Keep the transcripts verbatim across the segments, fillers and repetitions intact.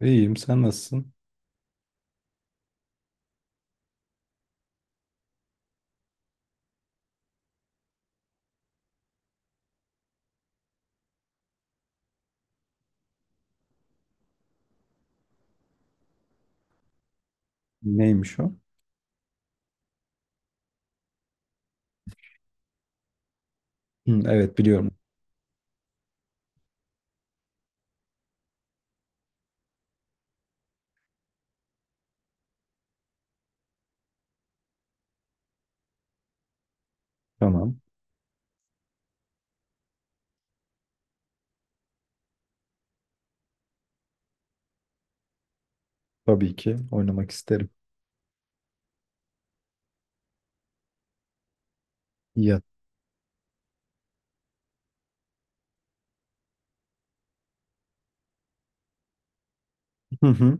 İyiyim, sen nasılsın? Neymiş o? Hı, evet biliyorum. Tamam. Tabii ki oynamak isterim. Ya. Hı hı.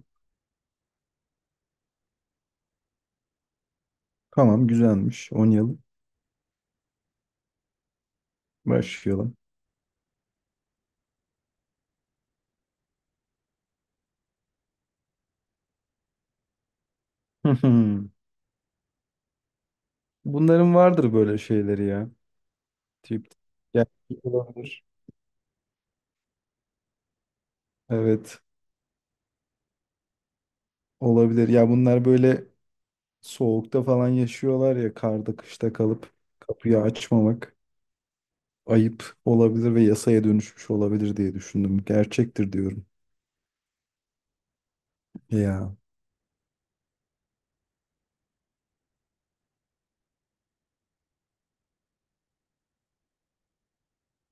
Tamam, güzelmiş. Oynayalım. Başlayalım. Hı hı. Bunların vardır böyle şeyleri ya. Tip. Ya, olabilir. Evet. Olabilir. Ya bunlar böyle soğukta falan yaşıyorlar, ya karda kışta kalıp kapıyı açmamak ayıp olabilir ve yasaya dönüşmüş olabilir diye düşündüm. Gerçektir diyorum. Ya,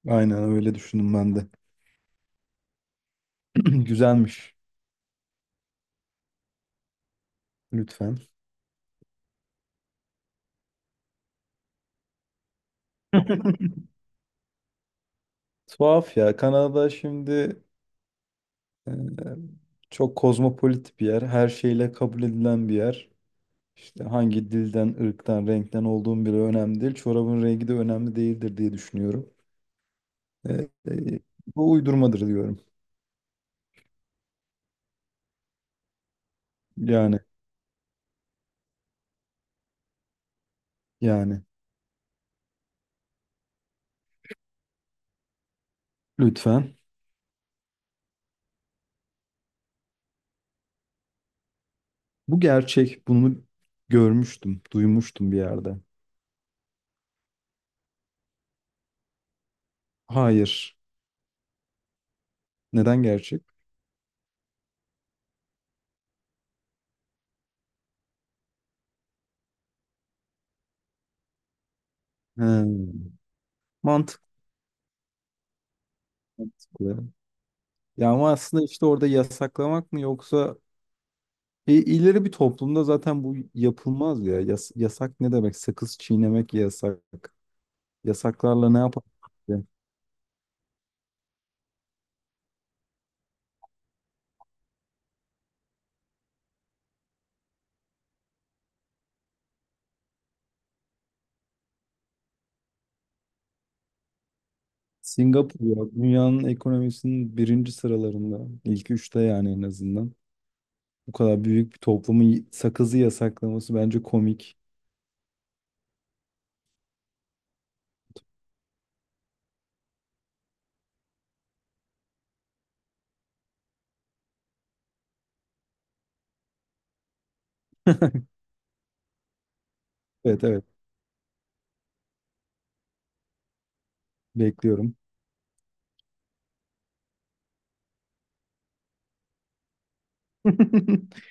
aynen öyle düşündüm ben de. Güzelmiş. Lütfen. Tuhaf ya. Kanada şimdi e, çok kozmopolit bir yer. Her şeyle kabul edilen bir yer. İşte hangi dilden, ırktan, renkten olduğum bile önemli değil. Çorabın rengi de önemli değildir diye düşünüyorum. E, e, bu uydurmadır diyorum. Yani, yani. Lütfen. Bu gerçek. Bunu görmüştüm, duymuştum bir yerde. Hayır. Neden gerçek? Hmm. Mantıklı. Mantıklı. Ya ama aslında işte orada yasaklamak mı yoksa E, ileri bir toplumda zaten bu yapılmaz ya. Yas- yasak ne demek? Sakız çiğnemek yasak. Yasaklarla ne yapar? Singapur ya, dünyanın ekonomisinin birinci sıralarında. İlk üçte yani, en azından. Bu kadar büyük bir toplumun y- sakızı yasaklaması bence komik. Evet, evet, bekliyorum.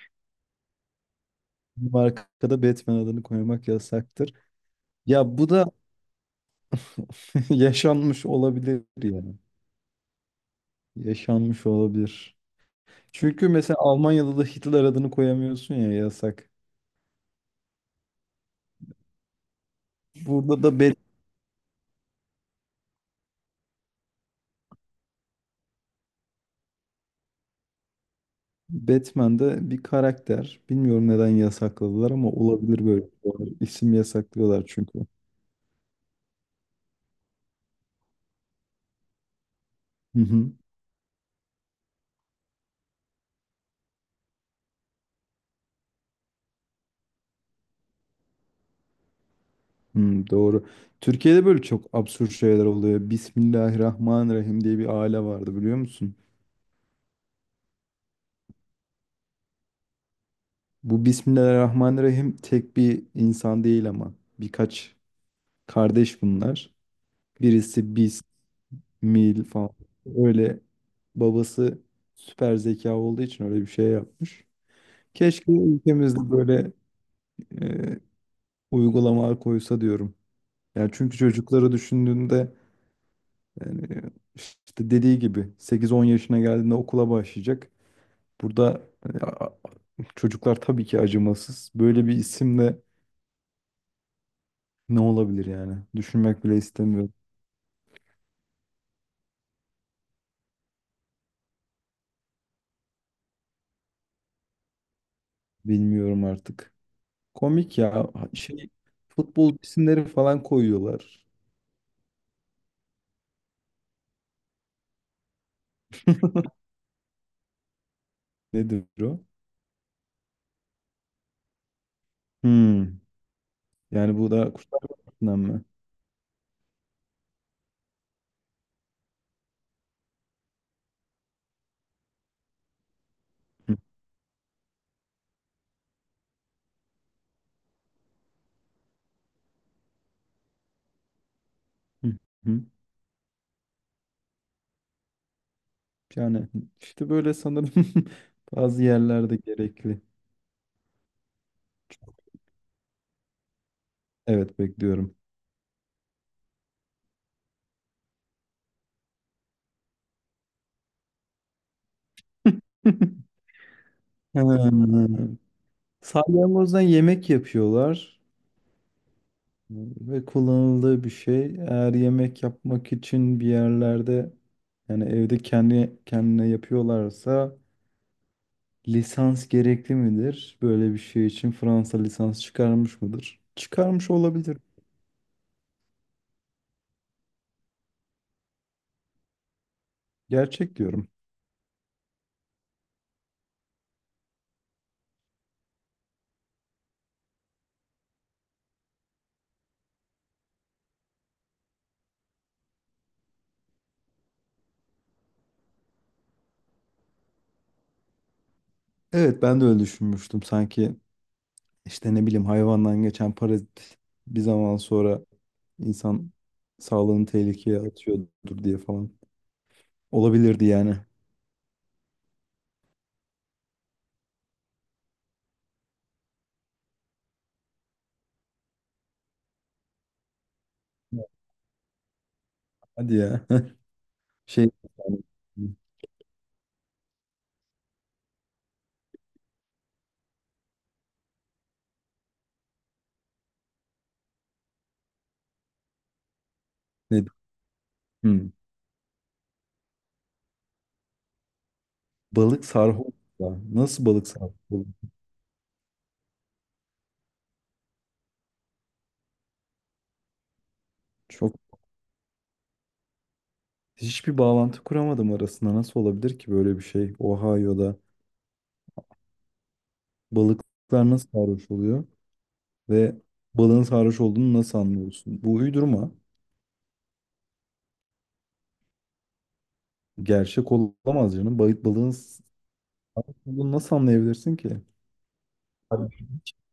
Markada Batman adını koymak yasaktır. Ya, bu da yaşanmış olabilir yani. Yaşanmış olabilir. Çünkü mesela Almanya'da da Hitler adını koyamıyorsun ya, yasak. Burada da Bat- Batman'de bir karakter. Bilmiyorum neden yasakladılar ama olabilir böyle. Doğru. İsim yasaklıyorlar çünkü. Hı hı. Hı, doğru. Türkiye'de böyle çok absürt şeyler oluyor. Bismillahirrahmanirrahim diye bir aile vardı, biliyor musun? Bu Bismillahirrahmanirrahim tek bir insan değil, ama birkaç kardeş bunlar. Birisi mil falan. Öyle, babası süper zeka olduğu için öyle bir şey yapmış. Keşke ülkemizde böyle e, uygulamalar koysa diyorum. Yani çünkü çocukları düşündüğünde, yani işte dediği gibi sekiz on yaşına geldiğinde okula başlayacak. Burada e, a- a- çocuklar tabii ki acımasız. Böyle bir isimle ne olabilir yani? Düşünmek bile istemiyorum. Bilmiyorum artık. Komik ya. Şey, futbol isimleri falan koyuyorlar. Nedir o? Hmm. Yani bu da Kurtlar Vadisi'nden mi? Hı, hı, hı. Yani işte böyle sanırım bazı yerlerde gerekli. Evet, bekliyorum. Hmm. Salyangozdan yemek yapıyorlar e, ve kullanıldığı bir şey. Eğer yemek yapmak için bir yerlerde, yani evde kendi kendine yapıyorlarsa lisans gerekli midir? Böyle bir şey için Fransa lisans çıkarmış mıdır? Çıkarmış olabilir. Gerçek diyorum. Evet, ben de öyle düşünmüştüm. Sanki işte ne bileyim, hayvandan geçen parazit bir zaman sonra insan sağlığını tehlikeye atıyordur diye falan. Olabilirdi yani. Hadi ya. Şey, yani, ne, hmm, balık sarhoş. Ya. Nasıl balık sarhoş olur? Çok, hiçbir bağlantı kuramadım arasında. Nasıl olabilir ki böyle bir şey? Ohio'da balıklar nasıl sarhoş oluyor ve balığın sarhoş olduğunu nasıl anlıyorsun? Bu uydurma. Gerçek olamaz canım. Balık balığın bunu nasıl anlayabilirsin ki? Abi,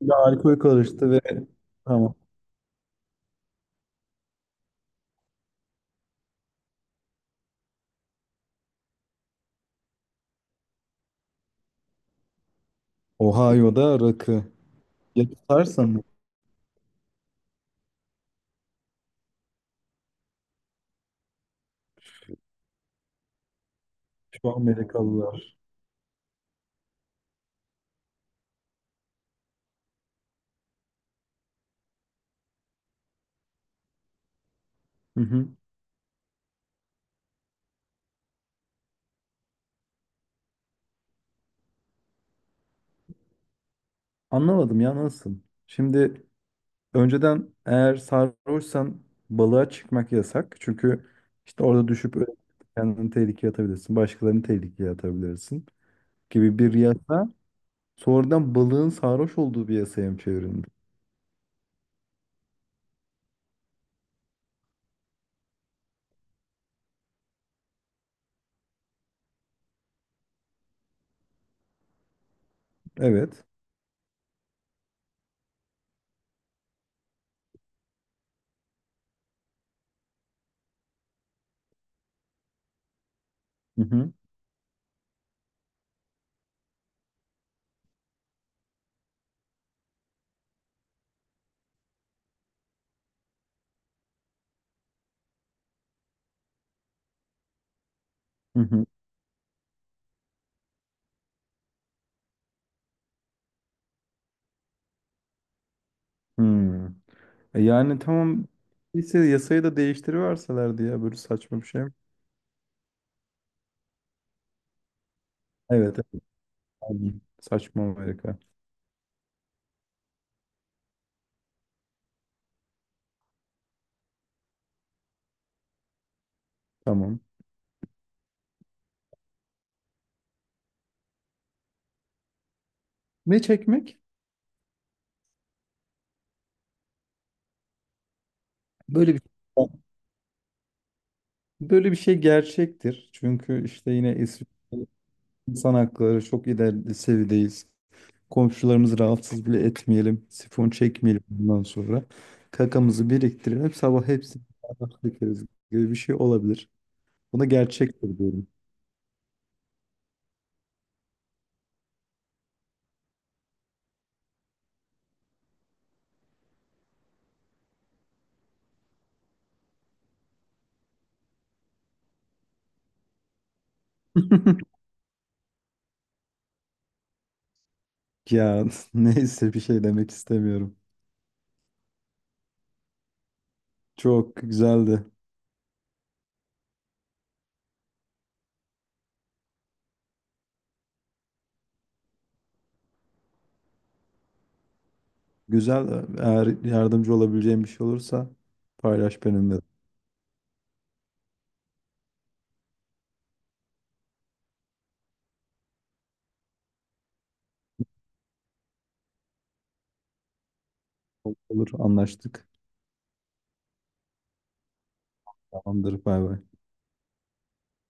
ya alkol karıştı ve tamam. Ohio'da rakı. Ya tutarsa mı? Şu Amerikalılar. Hı hı. Anlamadım ya, nasıl? Şimdi, önceden eğer sarhoşsan balığa çıkmak yasak. Çünkü işte orada düşüp ölebilirsin, kendini tehlikeye atabilirsin. Başkalarını tehlikeye atabilirsin gibi bir yasa. Sonradan balığın sarhoş olduğu bir yasaya mı çevrildi? Evet. Hı hı. Hı hı. Hı. E Yani tamam ise yasayı da değiştiriverselerdi ya, böyle saçma bir şey. Evet, evet. Pardon. Saçma Amerika. Tamam. Ne çekmek? Böyle bir şey. Böyle bir şey gerçektir. Çünkü işte yine İsviçre, insan hakları çok ileri seviyedeyiz. Komşularımızı rahatsız bile etmeyelim. Sifon çekmeyelim bundan sonra. Kakamızı biriktirelim. Sabah hepsini beraber dökeriz gibi bir şey olabilir. Buna gerçektir diyorum. Ya neyse, bir şey demek istemiyorum. Çok güzeldi. Güzel. Eğer yardımcı olabileceğim bir şey olursa paylaş benimle. Olur, anlaştık. Tamamdır. Bay bay.